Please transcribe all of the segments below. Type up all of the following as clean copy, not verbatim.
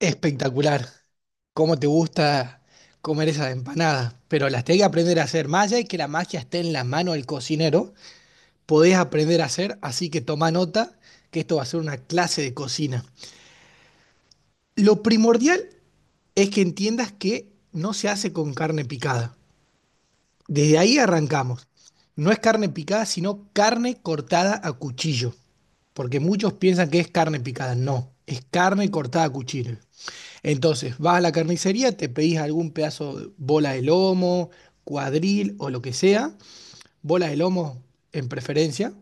Espectacular. ¿Cómo te gusta comer esas empanadas? Pero las tenés que aprender a hacer. Más allá de que la magia esté en la mano del cocinero, podés aprender a hacer, así que toma nota que esto va a ser una clase de cocina. Lo primordial es que entiendas que no se hace con carne picada. Desde ahí arrancamos. No es carne picada, sino carne cortada a cuchillo. Porque muchos piensan que es carne picada. No, es carne cortada a cuchillo. Entonces, vas a la carnicería, te pedís algún pedazo de bola de lomo, cuadril o lo que sea, bola de lomo en preferencia,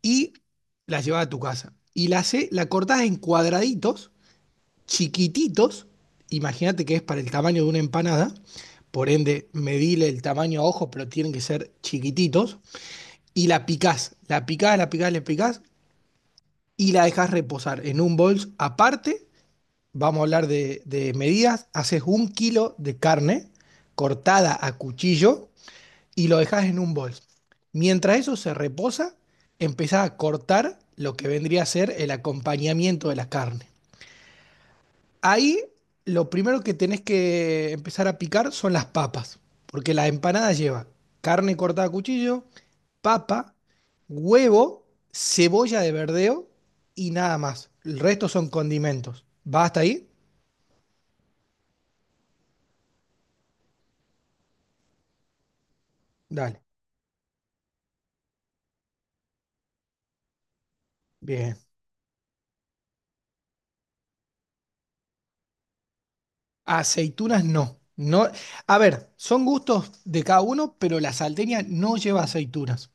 y la llevas a tu casa. La cortás en cuadraditos, chiquititos, imagínate que es para el tamaño de una empanada, por ende, medile el tamaño a ojo, pero tienen que ser chiquititos, y la picás, la picás, la picás, la picás, y la dejás reposar en un bols aparte. Vamos a hablar de medidas. Haces un kilo de carne cortada a cuchillo y lo dejas en un bol. Mientras eso se reposa, empezás a cortar lo que vendría a ser el acompañamiento de la carne. Ahí lo primero que tenés que empezar a picar son las papas, porque la empanada lleva carne cortada a cuchillo, papa, huevo, cebolla de verdeo y nada más. El resto son condimentos. ¿Va hasta ahí? Dale. Bien. Aceitunas no. No, a ver, son gustos de cada uno, pero la salteña no lleva aceitunas.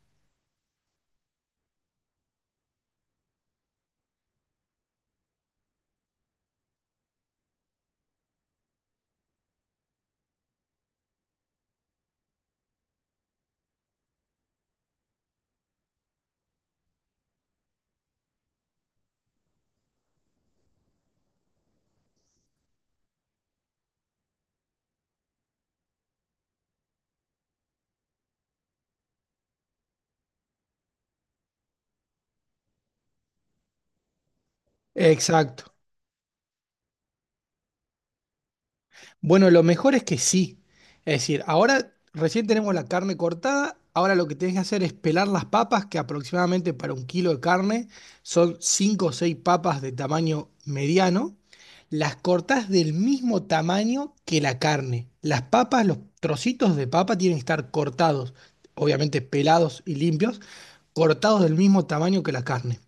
Exacto. Bueno, lo mejor es que sí. Es decir, ahora recién tenemos la carne cortada, ahora lo que tenés que hacer es pelar las papas, que aproximadamente para un kilo de carne son 5 o 6 papas de tamaño mediano. Las cortás del mismo tamaño que la carne. Las papas, los trocitos de papa tienen que estar cortados, obviamente pelados y limpios, cortados del mismo tamaño que la carne.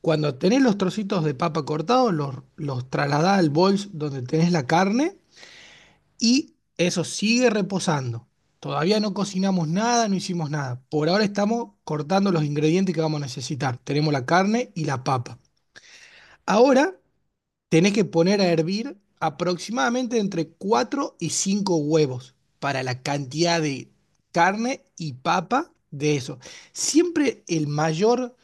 Cuando tenés los trocitos de papa cortados, los trasladás al bols donde tenés la carne y eso sigue reposando. Todavía no cocinamos nada, no hicimos nada. Por ahora estamos cortando los ingredientes que vamos a necesitar. Tenemos la carne y la papa. Ahora tenés que poner a hervir aproximadamente entre 4 y 5 huevos para la cantidad de carne y papa de eso. Siempre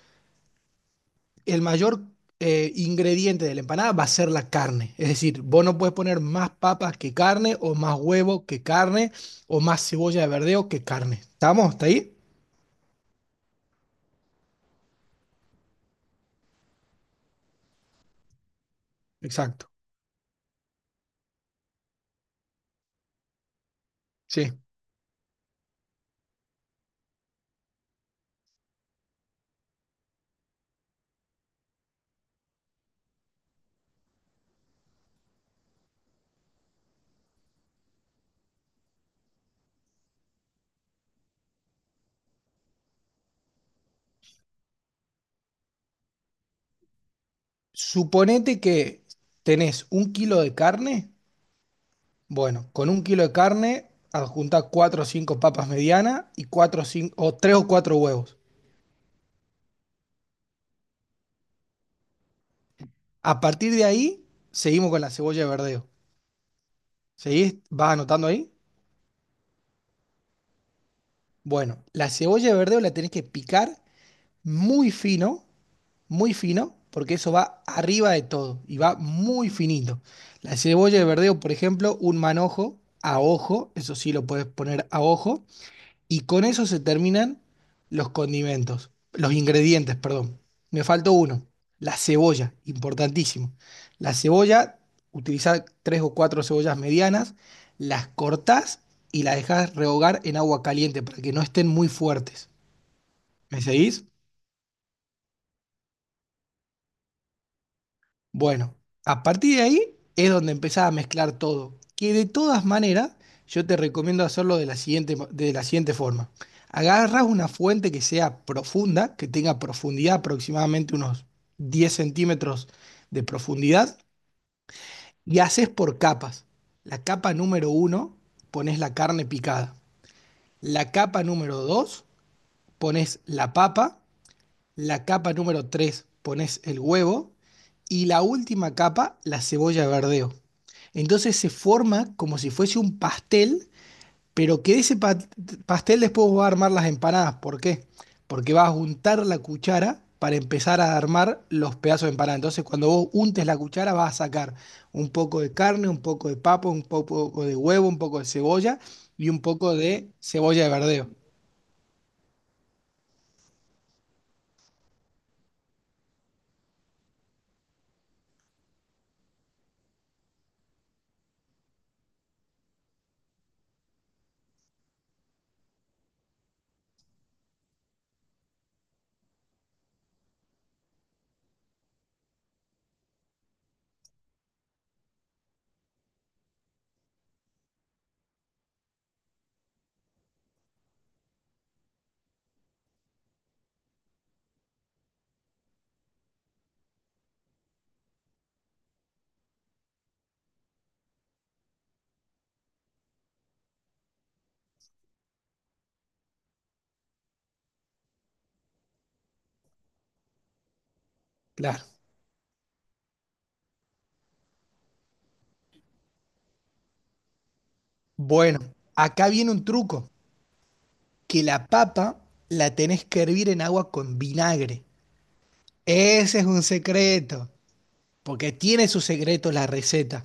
el mayor ingrediente de la empanada va a ser la carne. Es decir, vos no puedes poner más papas que carne, o más huevo que carne, o más cebolla de verdeo que carne. ¿Estamos? ¿Está ahí? Exacto. Sí. Suponete que tenés un kilo de carne. Bueno, con un kilo de carne adjunta cuatro o cinco papas medianas y cuatro o cinco o tres o cuatro huevos. A partir de ahí, seguimos con la cebolla de verdeo. ¿Seguís? ¿Vas anotando ahí? Bueno, la cebolla de verdeo la tenés que picar muy fino, muy fino, porque eso va arriba de todo y va muy finito. La cebolla de verdeo, por ejemplo, un manojo a ojo, eso sí lo puedes poner a ojo, y con eso se terminan los condimentos, los ingredientes, perdón. Me faltó uno, la cebolla, importantísimo. La cebolla, utilizar tres o cuatro cebollas medianas, las cortás y las dejás rehogar en agua caliente para que no estén muy fuertes. ¿Me seguís? Bueno, a partir de ahí es donde empezás a mezclar todo, que de todas maneras yo te recomiendo hacerlo de de la siguiente forma. Agarras una fuente que sea profunda, que tenga profundidad aproximadamente unos 10 centímetros de profundidad y haces por capas. La capa número uno pones la carne picada. La capa número dos pones la papa, la capa número 3 pones el huevo y la última capa la cebolla de verdeo. Entonces se forma como si fuese un pastel, pero que de pastel después va a armar las empanadas. ¿Por qué? Porque vas a untar la cuchara para empezar a armar los pedazos de empanada. Entonces cuando vos untes la cuchara vas a sacar un poco de carne, un poco de papa, un poco de huevo, un poco de cebolla y un poco de cebolla de verdeo. Claro. Bueno, acá viene un truco. Que la papa la tenés que hervir en agua con vinagre. Ese es un secreto, porque tiene sus secretos la receta.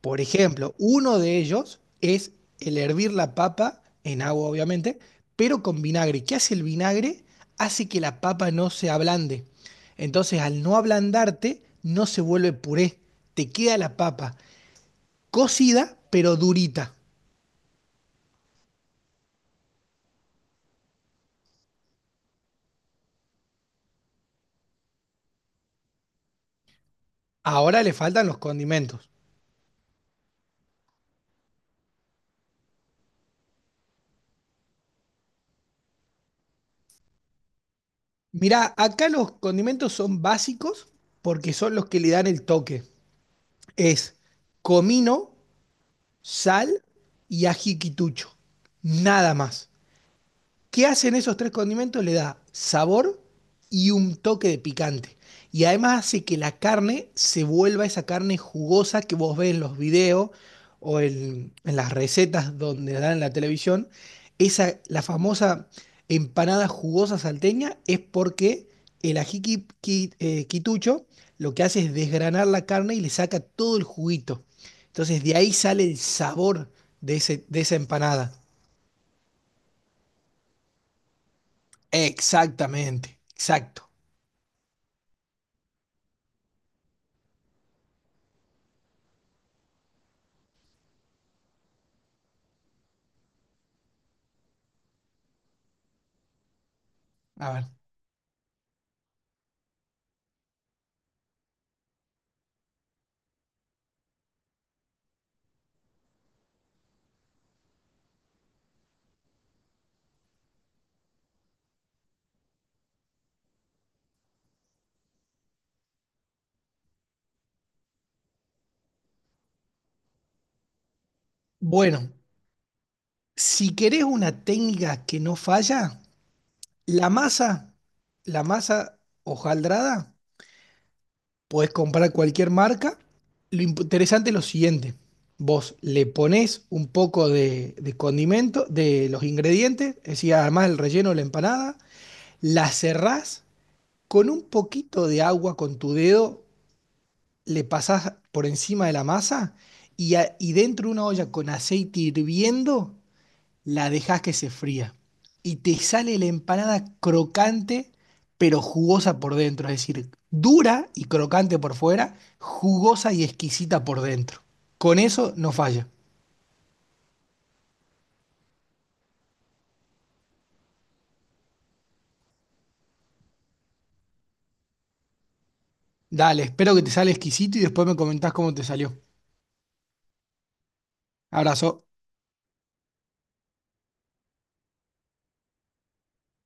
Por ejemplo, uno de ellos es el hervir la papa en agua, obviamente, pero con vinagre. ¿Qué hace el vinagre? Hace que la papa no se ablande. Entonces, al no ablandarte, no se vuelve puré. Te queda la papa cocida, pero durita. Ahora le faltan los condimentos. Mirá, acá los condimentos son básicos porque son los que le dan el toque. Es comino, sal y ají quitucho. Nada más. ¿Qué hacen esos tres condimentos? Le da sabor y un toque de picante. Y además hace que la carne se vuelva esa carne jugosa que vos ves en los videos o en las recetas donde la dan en la televisión. Esa, la famosa empanada jugosa salteña es porque el quitucho lo que hace es desgranar la carne y le saca todo el juguito. Entonces de ahí sale el sabor de esa empanada. Exactamente, exacto. A ver, bueno, si querés una técnica que no falla, la masa, la masa hojaldrada, podés comprar cualquier marca. Lo interesante es lo siguiente, vos le ponés un poco de condimento, de los ingredientes, es decir, además el relleno de la empanada, la cerrás con un poquito de agua con tu dedo, le pasás por encima de la masa y, y dentro de una olla con aceite hirviendo, la dejás que se fría. Y te sale la empanada crocante, pero jugosa por dentro. Es decir, dura y crocante por fuera, jugosa y exquisita por dentro. Con eso no falla. Dale, espero que te sale exquisito y después me comentás cómo te salió. Abrazo.